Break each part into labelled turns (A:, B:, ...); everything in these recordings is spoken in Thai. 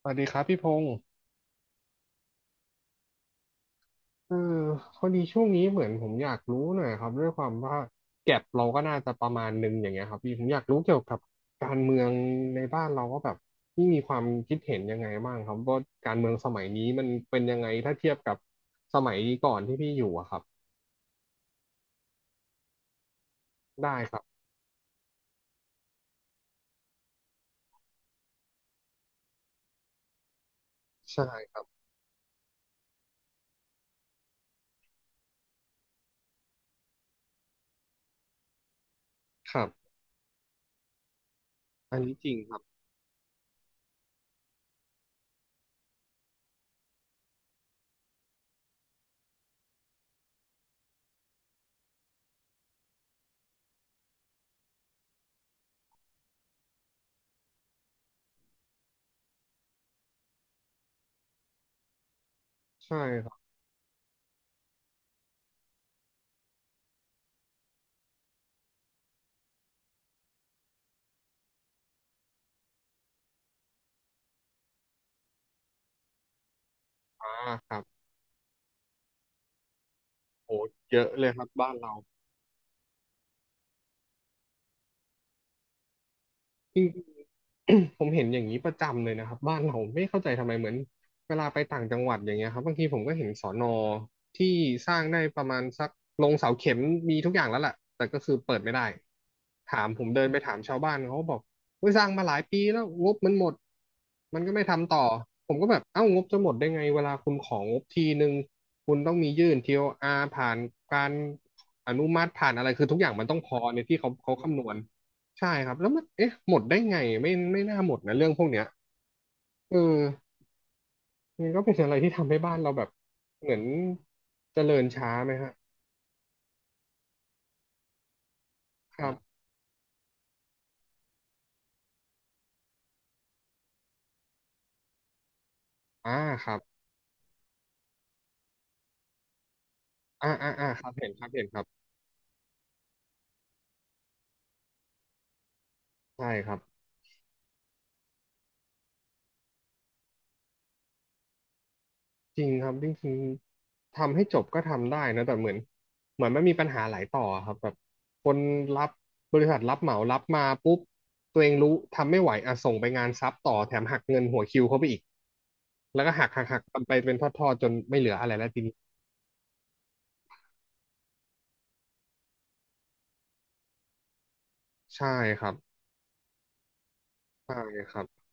A: สวัสดีครับพี่พงศ์เออพอดีช่วงนี้เหมือนผมอยากรู้หน่อยครับด้วยความว่าแก็บเราก็น่าจะประมาณหนึงอย่างเงี้ยครับพี่ผมอยากรู้เกี่ยวกับการเมืองในบ้านเราก็แบบพี่มีความคิดเห็นยังไงบ้างครับว่าการเมืองสมัยนี้มันเป็นยังไงถ้าเทียบกับสมัยก่อนที่พี่อยู่อะครับได้ครับใช่ครับครับอันนี้จริงครับใช่ครับอ่าครับโหเยอะเลยครับบ้านเรา ผมเห็นอย่างนี้ประจำเลยนะครับบ้านเราไม่เข้าใจทำไมเหมือนเวลาไปต่างจังหวัดอย่างเงี้ยครับบางทีผมก็เห็นสอนอที่สร้างได้ประมาณสักลงเสาเข็มมีทุกอย่างแล้วแหละแต่ก็คือเปิดไม่ได้ถามผมเดินไปถามชาวบ้านเขาบอกว่าสร้างมาหลายปีแล้วงบมันหมดมันก็ไม่ทำต่อผมก็แบบเอ้างบจะหมดได้ไงเวลาคุณของงบทีนึงคุณต้องมียื่นทีโออาร์ผ่านการอนุมัติผ่านอะไรคือทุกอย่างมันต้องพอในที่เขาเขาคำนวณ ใช่ครับแล้วมันเอ๊ะหมดได้ไงไม่น่าหมดนะเรื่องพวกเนี้ยเออมันก็เป็นอะไรที่ทำให้บ้านเราแบบเหมือนเจริญช้าไหมฮะครัรับอ่าครับอ่าอ่าอ่าครับเห็นครับเห็นครับใช่ครับจริงครับจริงๆทำให้จบก็ทำได้นะแต่เหมือนเหมือนมันมีปัญหาหลายต่อครับแบบคนรับบริษัทรับเหมารับมาปุ๊บตัวเองรู้ทำไม่ไหวอ่ะส่งไปงานซับต่อแถมหักเงินหัวคิวเข้าไปอีกแล้วก็หักนไปเป็นทอดๆจนไม่เหลืออะไรแล้วทีนี้ ใช่ครับใช่ครับ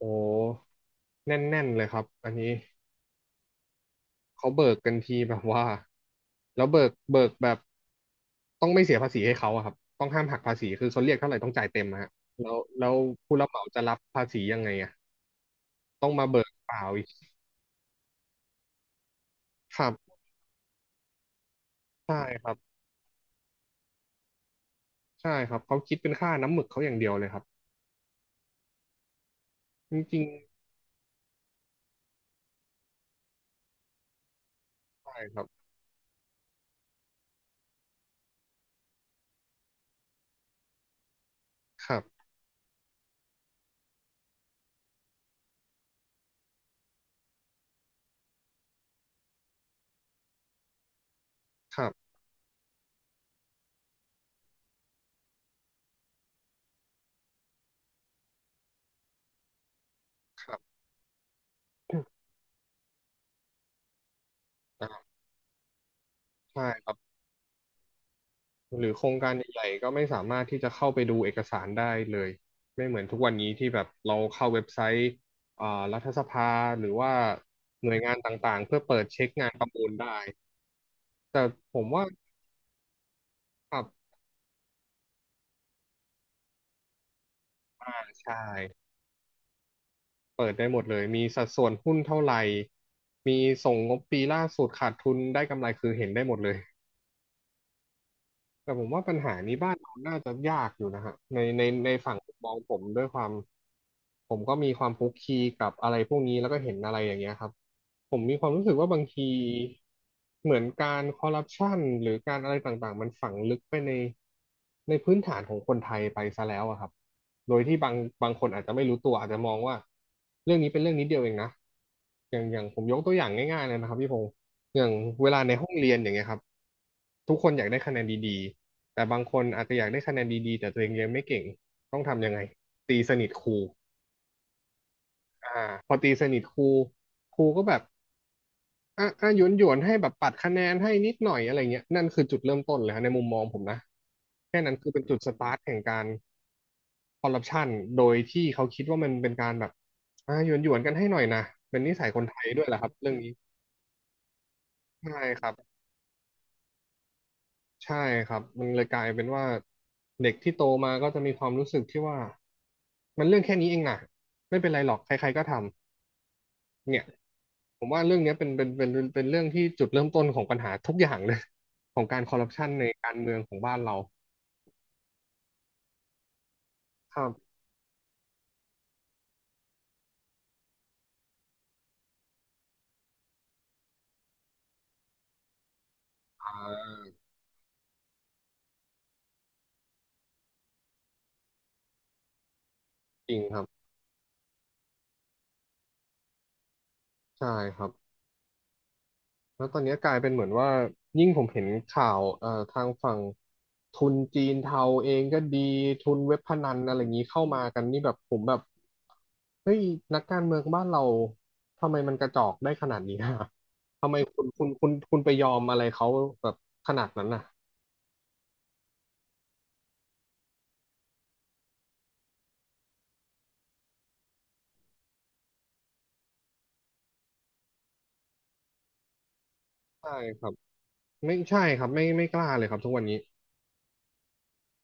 A: โอ้แน่นๆเลยครับอันนี้เขาเบิกกันทีแบบว่าแล้วเบิกแบบต้องไม่เสียภาษีให้เขาอะครับต้องห้ามหักภาษีคือเขาเรียกเท่าไหร่ต้องจ่ายเต็มอะฮะแล้วผู้รับเหมาจะรับภาษียังไงอะต้องมาเบิกเปล่าอีกครับใช่ครับใช่ครับเขาคิดเป็นค่าน้ำหมึกเขาอย่างเดียวเลยครับจริงๆใช่ครับครับครับครับ อ่าใช่ครับ หรือโครงการใหญ่ๆก็ไม่สามารถที่จะเข้าไปดูเอกสารได้เลยไม่เหมือนทุกวันนี้ที่แบบเราเข้าเว็บไซต์อ่ารัฐสภาหรือว่าหน่วยงานต่างๆเพื่อเปิดเช็คงานประมูลได้แต่ผมว่าครับใช่เปิดได้หมดเลยมีสัดส่วนหุ้นเท่าไหร่มีส่งงบปีล่าสุดขาดทุนได้กำไรคือเห็นได้หมดเลย แต่ผมว่าปัญหานี้บ้านเราน่าจะยากอยู่นะฮะในฝั่งมุมมองผมด้วยความผมก็มีความคลุกคลีกับอะไรพวกนี้แล้วก็เห็นอะไรอย่างเงี้ยครับผมมีความรู้สึกว่าบางทีเหมือนการคอร์รัปชันหรือการอะไรต่างๆมันฝังลึกไปในพื้นฐานของคนไทยไปซะแล้วอะครับโดยที่บางคนอาจจะไม่รู้ตัวอาจจะมองว่าเรื่องนี้เป็นเรื่องนิดเดียวเองนะอย่างผมยกตัวอย่างง่ายๆเลยนะครับพี่พงศ์ อย่างเวลาในห้องเรียนอย่างเงี้ยครับทุกคนอยากได้คะแนนดีๆแต่บางคนอาจจะอยากได้คะแนนดีๆแต่ตัวเองเรียนไม่เก่งต้องทำยังไงตีสนิทครูอ่าพอตีสนิทครูครูก็แบบอ่ะอ่ะหยวนหยวนให้แบบปัดคะแนนให้นิดหน่อยอะไรเงี้ยนั่นคือจุดเริ่มต้นเลยฮะในมุมมองผมนะแค่นั้นคือเป็นจุดสตาร์ทแห่งการคอร์รัปชันโดยที่เขาคิดว่ามันเป็นการแบบอ่ะหยวนหยวนกันให้หน่อยนะเป็นนิสัยคนไทยด้วยแหละครับเรื่องนี้ใช่ครับ ใช่ครับมันเลยกลายเป็นว่าเด็กที่โตมาก็จะมีความรู้สึกที่ว่ามันเรื่องแค่นี้เองนะไม่เป็นไรหรอกใครๆก็ทำเนี่ยผมว่าเรื่องเนี้ยเป็นเรื่องที่จุดเริ่มต้นของปัญหาทุกอย่างเลย ของการคอร์รัปชันในการเมืองของบ้านเราครับอ่าจริงครับใช่ครับ แล้วตอนนี้กลายเป็นเหมือนว่ายิ่งผมเห็นข่าวทางฝั่งทุนจีนเทาเองก็ดีทุนเว็บพนันอะไรอย่างนี้เข้ามากันนี่แบบผมแบบเฮ้ยนักการเมืองบ้านเราทำไมมันกระจอกได้ขนาดนี้อะ ทำไมคุณไปยอมอะไรเขาแบบขนาดนั้นน่ะใช่ครับไม่ใช่ครับไม่กล้าเลยครับทุกวันนี้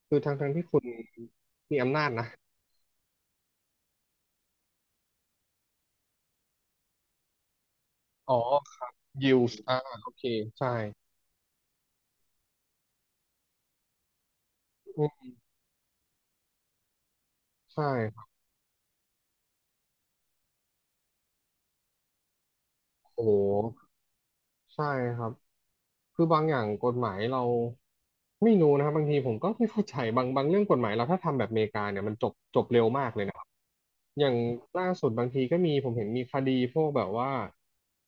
A: คือทั้งที่คุณมีอำนาจนะอ๋อยิวส์โอเคใช่อืมใช่ครับโอ้โหใช่ครับ คือบางอย่างกฎหมายเราไม่รู้นะครับบางทีผมก็ไม่เข้าใจบางเรื่องกฎหมายเราถ้าทำแบบอเมริกาเนี่ยมันจบเร็วมากเลยนะครับอย่างล่าสุดบางทีก็มีผมเห็นมีคดีพวกแบบว่า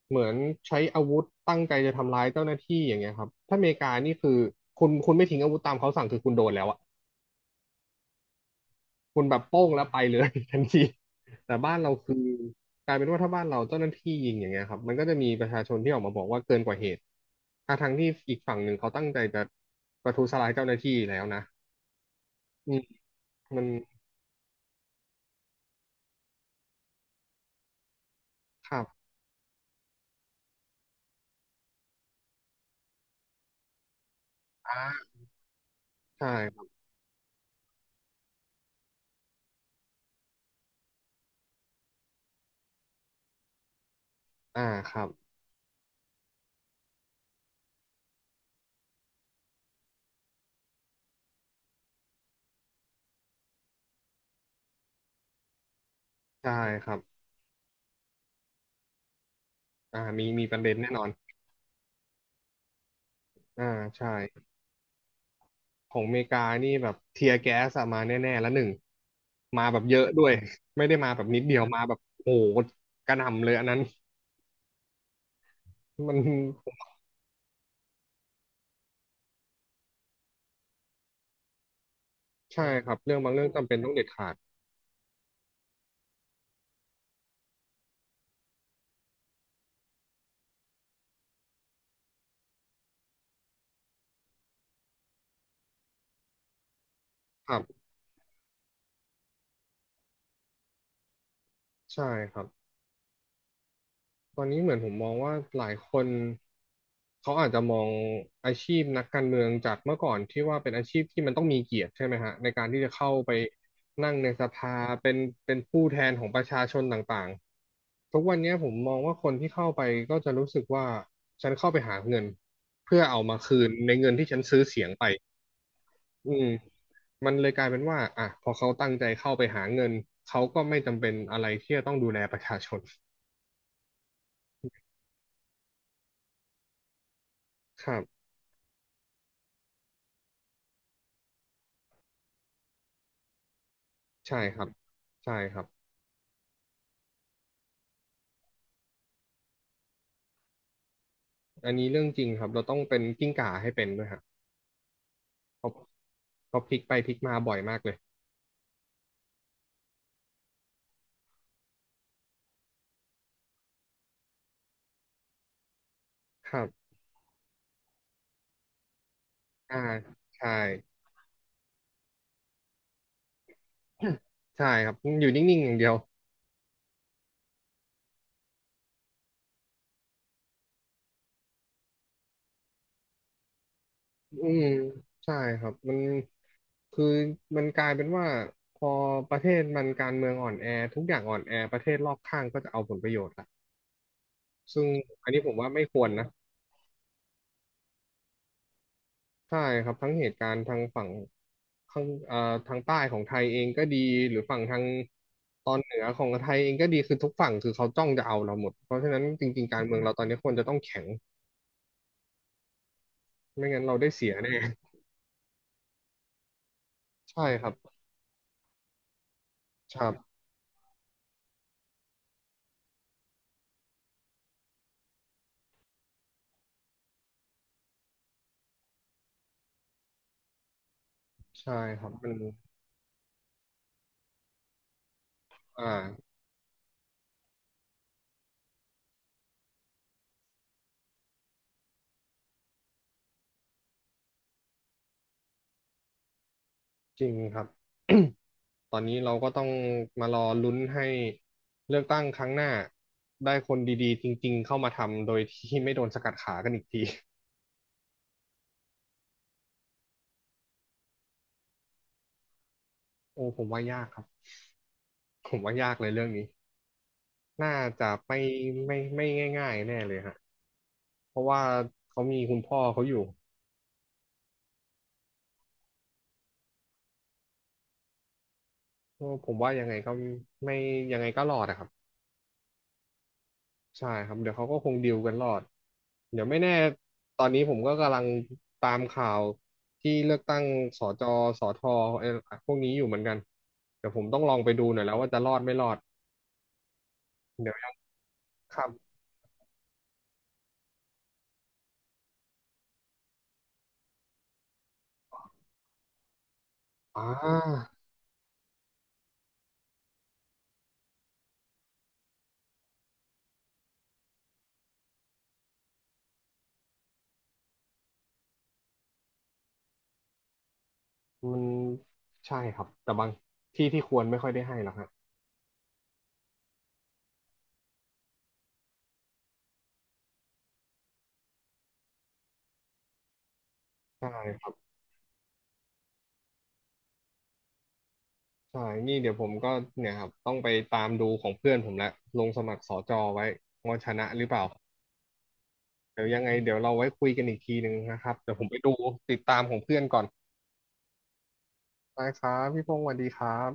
A: เหมือนใช้อาวุธตั้งใจจะทำร้ายเจ้าหน้าที่อย่างเงี้ยครับถ้าอเมริกานี่คือคุณไม่ทิ้งอาวุธตามเขาสั่งคือคุณโดนแล้วอะ คุณแบบโป้งแล้วไปเลย ทันทีแต่บ้านเราคือกลายเป็นว่าถ้าบ้านเราเจ้าหน้าที่ยิงอย่างเงี้ยครับมันก็จะมีประชาชนที่ออกมาบอกว่าเกินกว่าเหตุทั้งที่อีกฝั่งหนึ่งเขาตั้งใจจะประทุษร้ายเจ้าหน้าที่แล้วนะอืมมันครับอ่าใช่ครับอ่าครับใช่ครับอ่ามีประเด็นแน่นอนอ่าใช่ของอเมริกานี่แบบเทียร์แก๊สอะมาแน่ๆแล้วหนึ่งมาแบบเยอะด้วย ไม่ได้มาแบบนิดเดียวมาแบบโอ้โหกระหน่ำเลยอันนั้นมัน ใช่ครับเรื่องบางเรื่องจำเป็นต้องเด็ดขาดครับใช่ครับตอนนี้เหมือนผมมองว่าหลายคนเขาอาจจะมองอาชีพนักการเมืองจากเมื่อก่อนที่ว่าเป็นอาชีพที่มันต้องมีเกียรติใช่ไหมฮะในการที่จะเข้าไปนั่งในสภาเป็นเป็นผู้แทนของประชาชนต่างๆทุกวันเนี้ยผมมองว่าคนที่เข้าไปก็จะรู้สึกว่าฉันเข้าไปหาเงินเพื่อเอามาคืนในเงินที่ฉันซื้อเสียงไป อืมมันเลยกลายเป็นว่าอ่ะพอเขาตั้งใจเข้าไปหาเงินเขาก็ไม่จำเป็นอะไรที่จะต้องดูแลประชาชนครับใช่ครับใช่ครับอันนี้เรื่องจริงครับเราต้องเป็นกิ้งก่าให้เป็นด้วยฮะเพราะเพราะพลิกไปพลิกมาบ่อยมากเลยครับอ่าใช่ ใช่ครับอยู่นิ่งๆอย่างเดียวอืมใช่ครับมันคือมันกลายเป็นว่าพอประเทศมันการเมืองอ่อนแอทุกอย่างอ่อนแอประเทศรอบข้างก็จะเอาผลประโยชน์ละซึ่งอันนี้ผมว่าไม่ควรนะ ใช่ครับทั้งเหตุการณ์ทางฝั่งข้างทางใต้ของไทยเองก็ดีหรือฝั่งทางตอนเหนือของไทยเองก็ดีคือทุกฝั่งคือเขาจ้องจะเอาเราหมดเพราะฉะนั้นจริงๆการเมืองเราตอนนี้ควรจะต้องแข็งไม่งั้นเราได้เสียแน่ใช่ครับครับใช่ครับมันอ่าจริงครับตอนนี้เราก็ต้องมารอลุ้นให้เลือกตั้งครั้งหน้าได้คนดีๆจริงๆเข้ามาทำโดยที่ไม่โดนสกัดขากันอีกทีโอ้ผมว่ายากครับผมว่ายากเลยเรื่องนี้ น่าจะไม่ง่ายๆแน่เลยฮะเพราะว่าเขามีคุณพ่อเขาอยู่ก็ผมว่ายังไงก็ไม่ยังไงก็รอดอะครับใช่ครับเดี๋ยวเขาก็คงดีลกันรอดเดี๋ยวไม่แน่ตอนนี้ผมก็กำลังตามข่าวที่เลือกตั้งสจสทเอ่อพวกนี้อยู่เหมือนกันเดี๋ยวผมต้องลองไปดูหน่อยแล้วว่าจะรอดไม่รอดเดี๋ยวครับอ่ามันใช่ครับแต่บางที่ที่ควรไม่ค่อยได้ให้หรอกฮะใช่ ใช่นี่เดี๋ยวผมก็เนี่ยครับต้องไปตามดูของเพื่อนผมละลงสมัครสจไว้ว่าชนะหรือเปล่าเดี๋ยวยังไงเดี๋ยวเราไว้คุยกันอีกทีหนึ่งนะครับเดี๋ยวผมไปดูติดตามของเพื่อนก่อนได้ครับพี่พงศ์สวัสดีครับ